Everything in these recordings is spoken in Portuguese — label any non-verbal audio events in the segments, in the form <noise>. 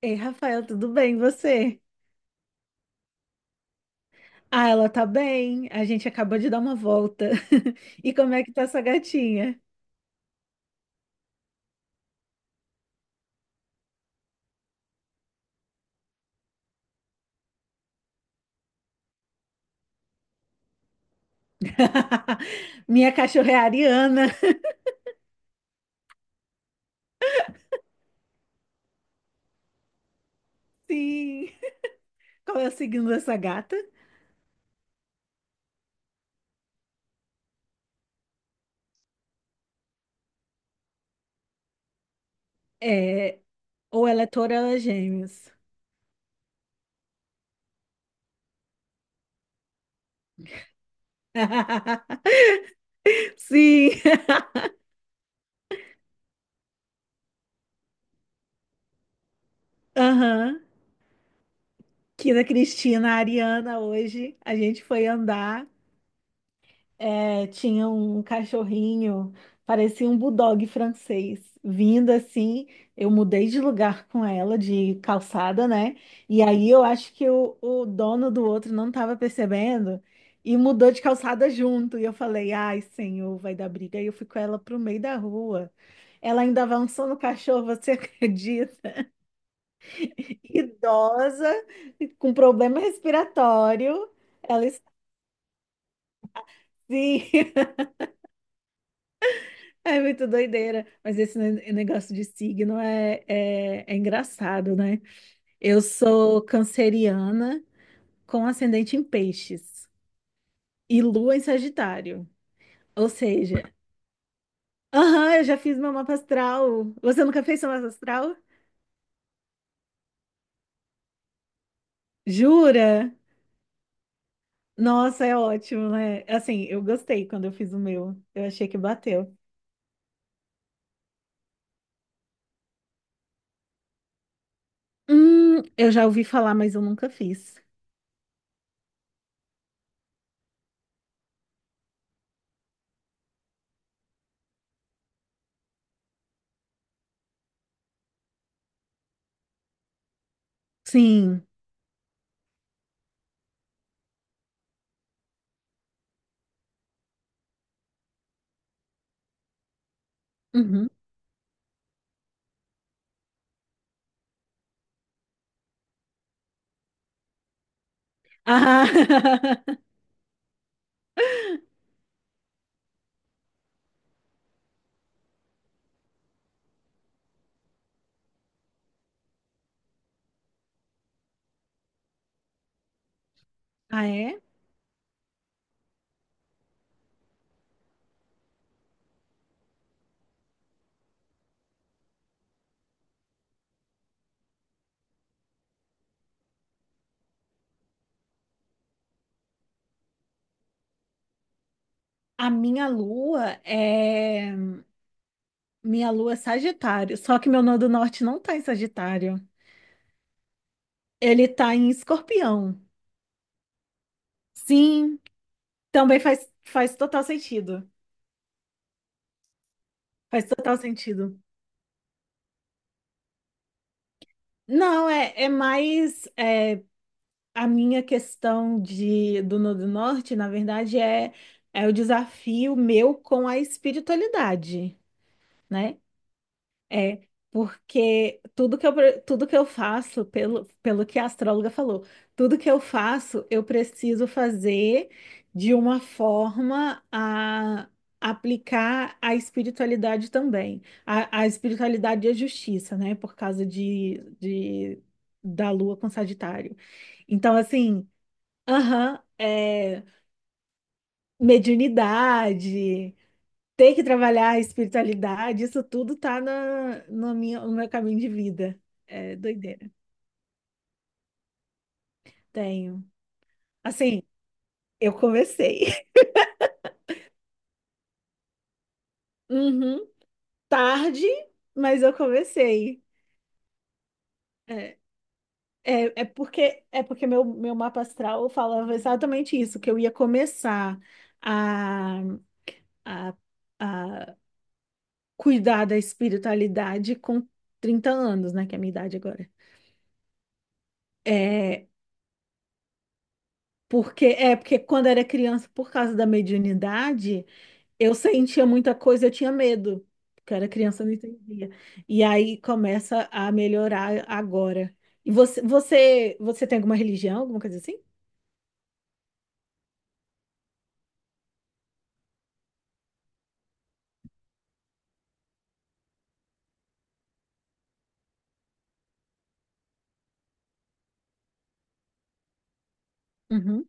Ei, Rafael, tudo bem, e você? Ah, ela tá bem. A gente acabou de dar uma volta. <laughs> E como é que tá essa gatinha? <laughs> Minha cachorra é a Ariana. <laughs> Sim. Qual é o signo dessa gata? É, ou ela é touro ou ela é gêmeos. <laughs> Sim. Aham. Aqui Cristina, a Ariana, hoje a gente foi andar. É, tinha um cachorrinho, parecia um bulldog francês, vindo assim. Eu mudei de lugar com ela, de calçada, né? E aí eu acho que o dono do outro não estava percebendo e mudou de calçada junto. E eu falei, ai, senhor, vai dar briga. E eu fui com ela pro meio da rua. Ela ainda avançou no cachorro, você <laughs> acredita? Idosa, com problema respiratório. Ela, sim. <laughs> É muito doideira, mas esse negócio de signo é engraçado, né? Eu sou canceriana com ascendente em peixes e lua em Sagitário. Ou seja, aham, eu já fiz meu mapa astral. Você nunca fez seu mapa astral? Jura? Nossa, é ótimo, né? Assim, eu gostei quando eu fiz o meu. Eu achei que bateu. Eu já ouvi falar, mas eu nunca fiz. Sim. Uhum. Ah, <laughs> ah, é? A minha lua é. Minha lua é Sagitário, só que meu nó do norte não tá em Sagitário. Ele tá em Escorpião. Sim, também faz total sentido. Faz total sentido. Não, a minha questão do nó do norte, na verdade, é, é o desafio meu com a espiritualidade, né? É, porque tudo que eu, tudo que eu faço, pelo que a astróloga falou, tudo que eu faço, eu preciso fazer de uma forma a aplicar a espiritualidade também. A espiritualidade e a justiça, né? Por causa da Lua com Sagitário. Então, assim, aham, é, mediunidade. Ter que trabalhar a espiritualidade, isso tudo tá na minha, no meu caminho de vida. É doideira. Tenho. Assim, eu comecei. <laughs> Uhum. Tarde, mas eu comecei. É, é porque meu mapa astral falava exatamente isso, que eu ia começar a, a, a cuidar da espiritualidade com 30 anos, né? Que é a minha idade agora. É, é porque quando era criança, por causa da mediunidade, eu sentia muita coisa, eu tinha medo, porque eu era criança, eu não entendia. E aí começa a melhorar agora. E você tem alguma religião, alguma coisa assim? Uhum.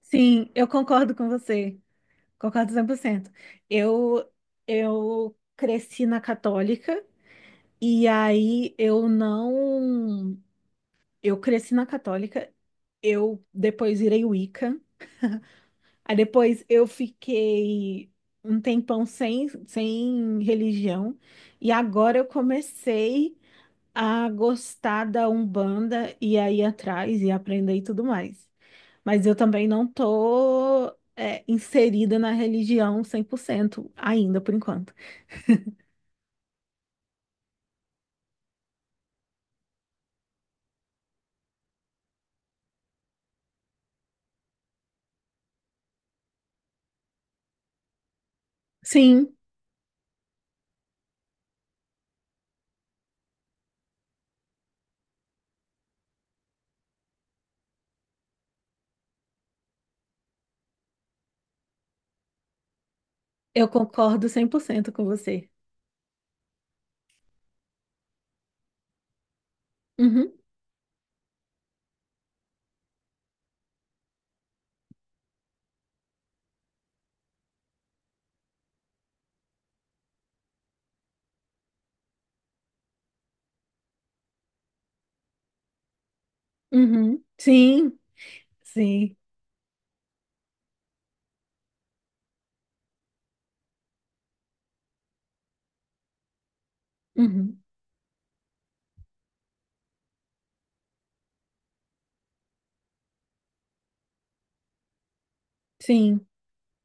Sim, eu concordo com você. Concordo 100%. Eu, eu cresci na católica e aí eu não. Eu cresci na católica, eu depois virei Wicca. Aí depois eu fiquei um tempão sem religião, e agora eu comecei a gostar da Umbanda e a ir atrás e aprender e tudo mais. Mas eu também não tô, é, inserida na religião 100% ainda, por enquanto. Sim, eu concordo 100% com você. Uhum, uhum. Sim, sim, uhum, sim.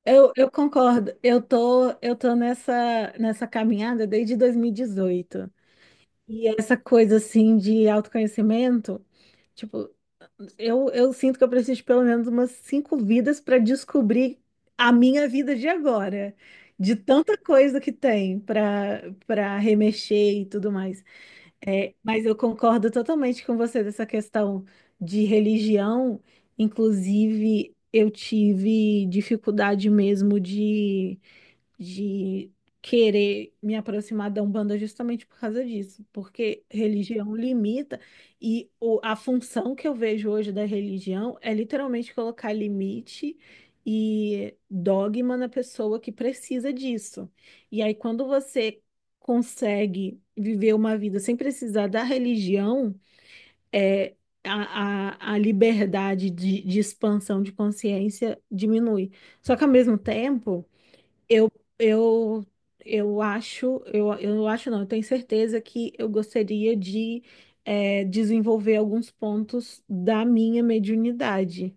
Eu concordo. Eu tô nessa, nessa caminhada desde 2018. E dezoito. E essa coisa assim de autoconhecimento, tipo, eu sinto que eu preciso de pelo menos umas 5 vidas para descobrir a minha vida de agora, de tanta coisa que tem para remexer e tudo mais. É, mas eu concordo totalmente com você dessa questão de religião. Inclusive, eu tive dificuldade mesmo de querer me aproximar da Umbanda justamente por causa disso, porque religião limita e a função que eu vejo hoje da religião é literalmente colocar limite e dogma na pessoa que precisa disso. E aí, quando você consegue viver uma vida sem precisar da religião, é. A liberdade de expansão de consciência diminui. Só que ao mesmo tempo, eu, eu, eu acho, eu acho não, eu tenho certeza que eu gostaria de desenvolver alguns pontos da minha mediunidade.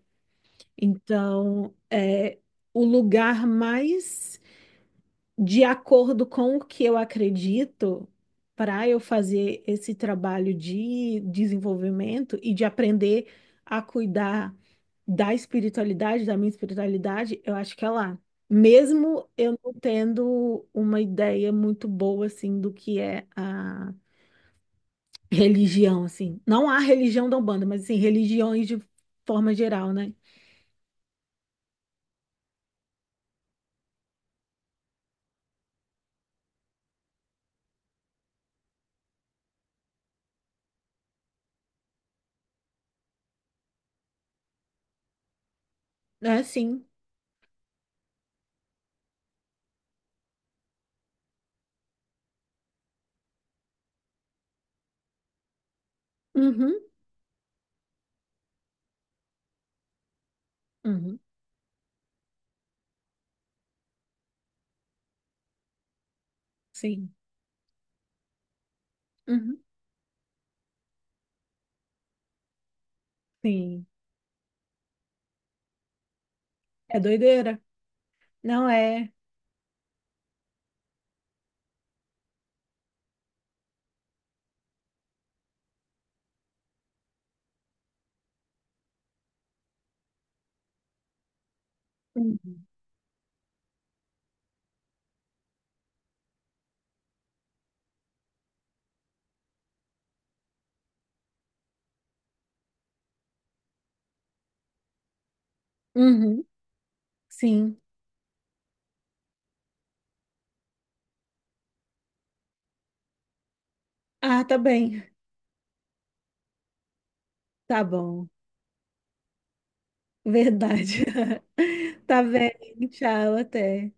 Então, é o lugar mais de acordo com o que eu acredito, para eu fazer esse trabalho de desenvolvimento e de aprender a cuidar da espiritualidade, da minha espiritualidade, eu acho que é lá. Mesmo eu não tendo uma ideia muito boa assim do que é a religião assim. Não a religião da Umbanda, mas assim, religiões de forma geral, né? É sim. Uhum. Uhum. Sim. Uhum. Sim. É doideira. Não é. Uhum. Uhum, sim. Ah, tá bem. Tá bom. Verdade. <laughs> Tá bem. Tchau, até.